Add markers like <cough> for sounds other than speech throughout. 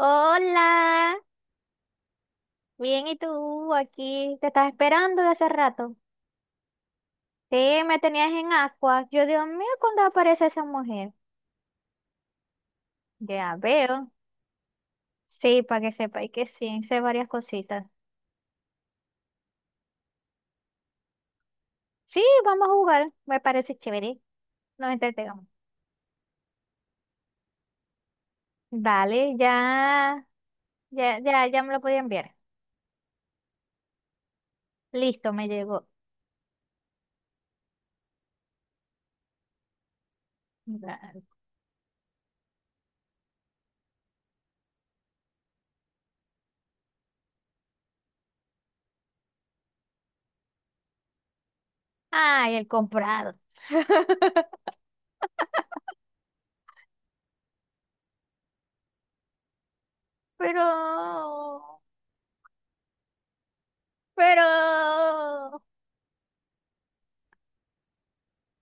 Hola, bien, ¿y tú? Aquí te estás esperando de hace rato. Sí, me tenías en agua. Yo, Dios mío, ¿cuando aparece esa mujer? Ya veo. Sí, para que sepáis que sí, sé varias cositas. Sí, vamos a jugar, me parece chévere. Nos entretengamos. Dale, ya, ya, ya, ya me lo podía enviar. Listo, me llegó. Dale. Ay, el comprado. <laughs> Pero, pero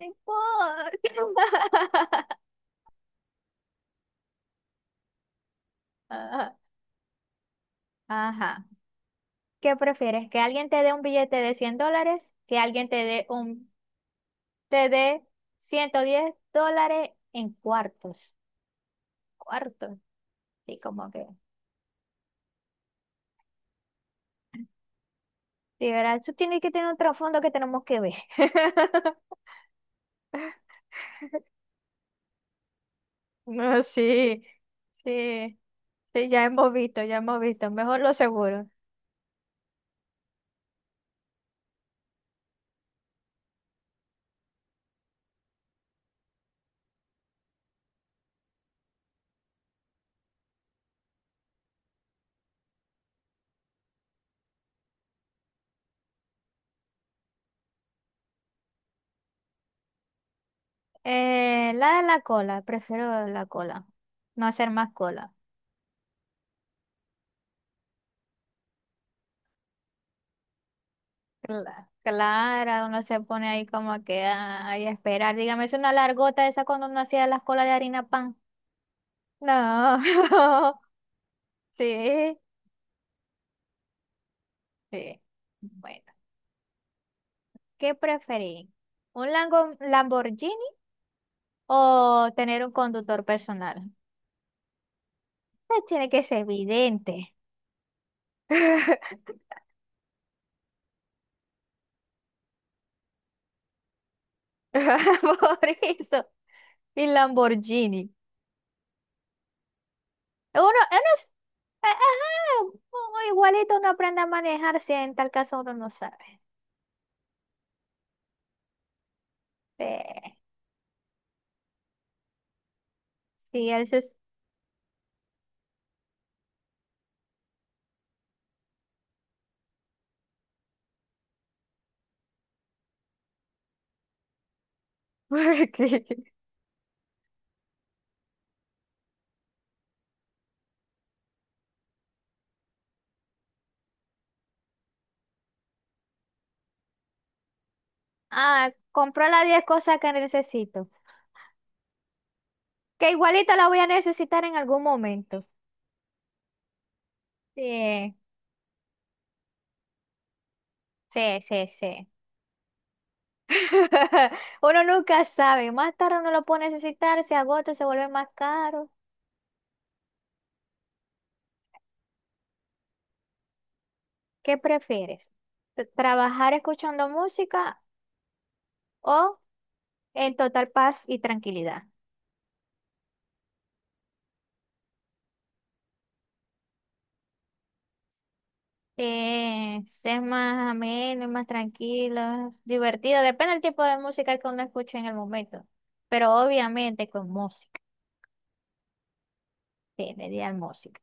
no importa. <laughs> Ah, ajá. ¿Qué prefieres? ¿Que alguien te dé un billete de $100? ¿Que alguien te dé un, te dé $110 en cuartos? Cuartos. Sí, como que. Sí, ¿verdad? Eso tiene que tener un trasfondo que tenemos que ver. <laughs> No, sí. Sí. Sí, ya hemos visto, ya hemos visto. Mejor lo seguro. La de la cola. Prefiero la cola. No hacer más cola. Claro, uno se pone ahí como que ay, a esperar. Dígame, es una largota esa cuando uno hacía las colas de harina pan. No, <laughs> sí, sí. Bueno, ¿qué preferí? ¿Un Lamborghini o tener un conductor personal? Tiene que ser evidente. <laughs> Por eso, y Lamborghini. Uno es- eh, ajá, uno igualito uno aprende a manejar si en tal caso uno no sabe. Sí. <laughs> porque- Ah, compró las 10 cosas que necesito. Que igualito las voy a necesitar en algún momento. Sí, sí, sí, sí. <laughs> Uno nunca sabe. Más tarde uno lo puede necesitar, se agota, se vuelve más caro. ¿Qué prefieres? ¿Trabajar escuchando música o en total paz y tranquilidad? Sí, es más ameno, más tranquilo, divertido. Depende del tipo de música que uno escuche en el momento. Pero obviamente con música. Sí, le di al música.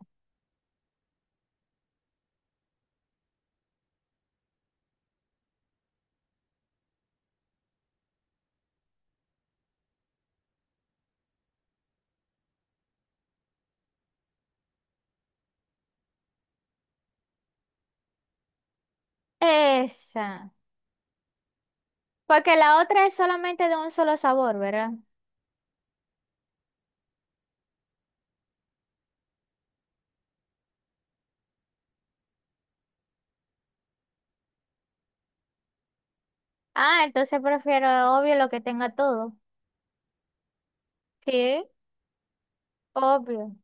Esa. Porque la otra es solamente de un solo sabor, ¿verdad? Ah, entonces prefiero obvio lo que tenga todo. Sí, obvio.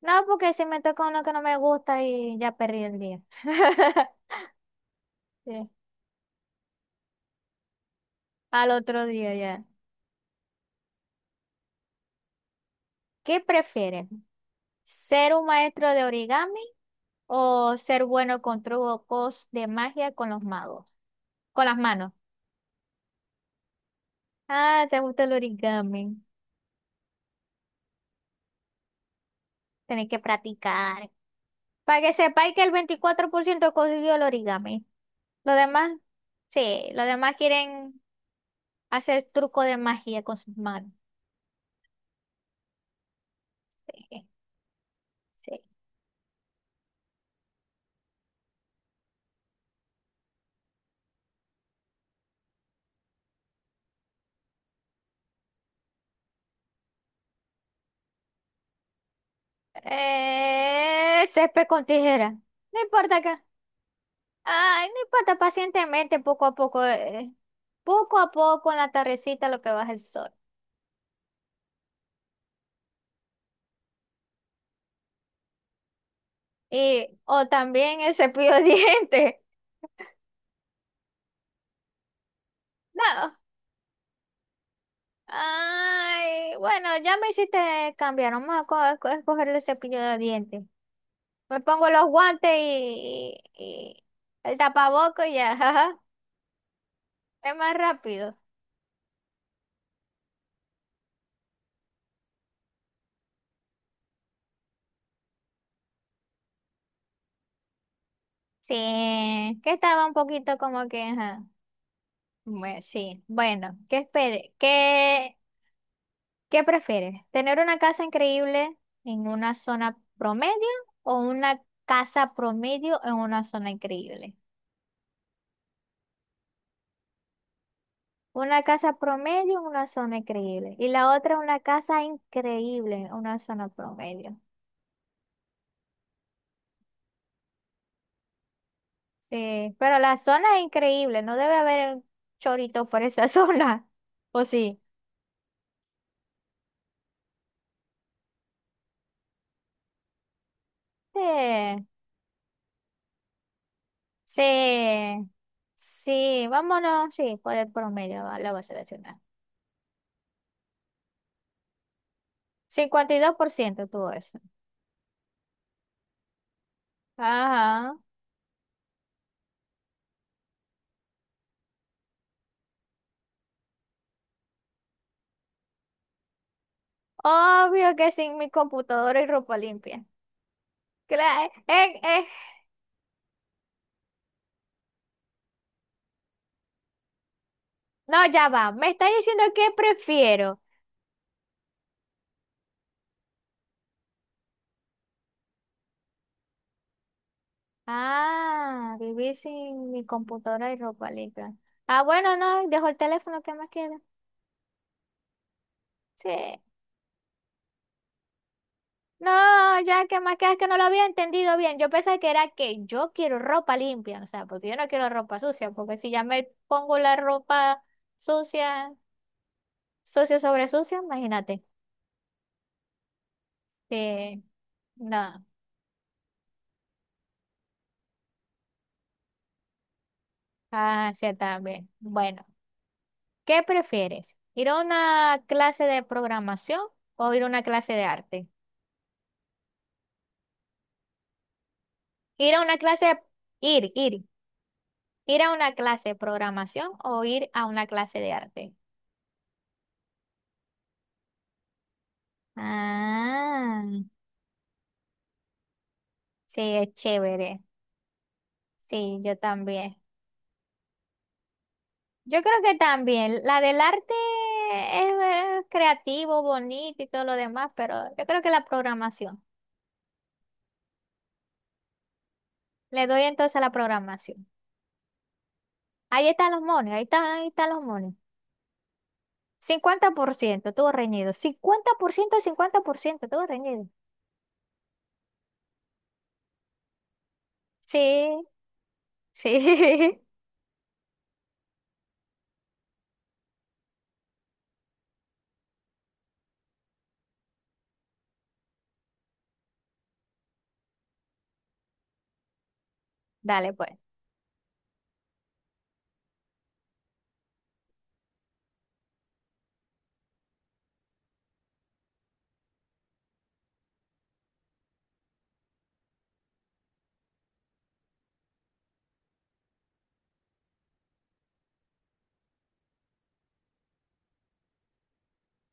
No, porque si me toca uno que no me gusta y ya perdí el día. <laughs> Sí, al otro día ya. ¿Qué prefieres? ¿Ser un maestro de origami o ser bueno con trucos de magia con los magos, con las manos? Ah, te gusta el origami. Tenés que practicar. Para que sepáis que el 24% consiguió el origami. Los demás, sí, los demás quieren hacer truco de magia con sus manos. Sí, sí. Césped con tijera. No importa acá. Ay, no importa, pacientemente, poco a poco. Poco a poco en la tardecita lo que baja el sol. Y, o también el cepillo de <laughs> dientes. No. Ay, bueno, ya me hiciste cambiar. Vamos a escoger el cepillo de dientes. Me pongo los guantes y, y el tapaboco y ya. <laughs> Ajá. Es más rápido. Sí, que estaba un poquito como que, ajá. Bueno, sí. Bueno, ¿qué espere? ¿Qué, qué prefieres? ¿Tener una casa increíble en una zona promedio o una casa promedio en una zona increíble? Una casa promedio, en una zona increíble. Y la otra, una casa increíble, en una zona promedio. Sí, pero la zona es increíble, no debe haber chorito por esa <laughs> zona. ¿O sí? Sí, sí, sí, vámonos, sí, por el promedio la voy a seleccionar. 52% tuvo eso. Ajá. Obvio que sin mi computadora y ropa limpia. Cla- eh, eh, No, ya va. Me está diciendo que prefiero. Ah, vivir sin mi computadora y ropa limpia. Ah, bueno, no, dejo el teléfono, ¿qué más queda? Sí. No, ya, ¿qué más queda? Es que no lo había entendido bien. Yo pensaba que era que yo quiero ropa limpia, o sea, porque yo no quiero ropa sucia, porque si ya me pongo la ropa sucia, sucio sobre sucio, imagínate. Sí, no. Ah, sí, también. Bueno, ¿qué prefieres? ¿Ir a una clase de programación o ir a una clase de arte? Ir a una clase de... Ir, ir. ¿Ir a una clase de programación o ir a una clase de arte? Ah, sí, es chévere. Sí, yo también. Yo creo que también. La del arte es, creativo, bonito y todo lo demás, pero yo creo que la programación. Le doy entonces a la programación. Ahí están los monos, ahí están los monos. 50%, todo reñido. Cincuenta por ciento, 50%, todo reñido. Sí, sí. <laughs> Dale, pues.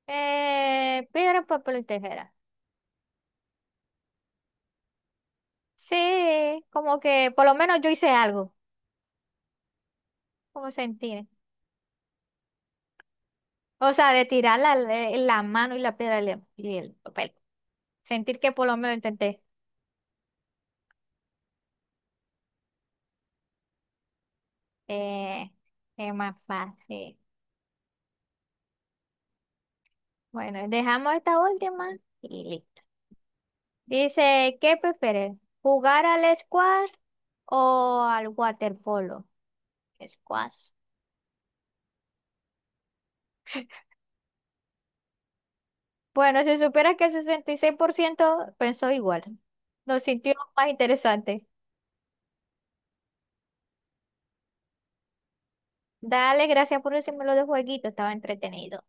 Piedra, papel y tijera. Sí, como que por lo menos yo hice algo, como sentir. O sea, de tirar la, la mano y la piedra y el papel. Sentir que por lo menos intenté. Eh, es más fácil. Bueno, dejamos esta última y listo. Dice, ¿qué prefieres? ¿Jugar al squash o al waterpolo? Squash. Bueno, si supieras que el 66%, pensó igual. Lo sintió más interesante. Dale, gracias por decirme lo de jueguito, estaba entretenido.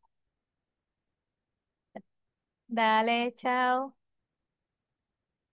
Dale, chao.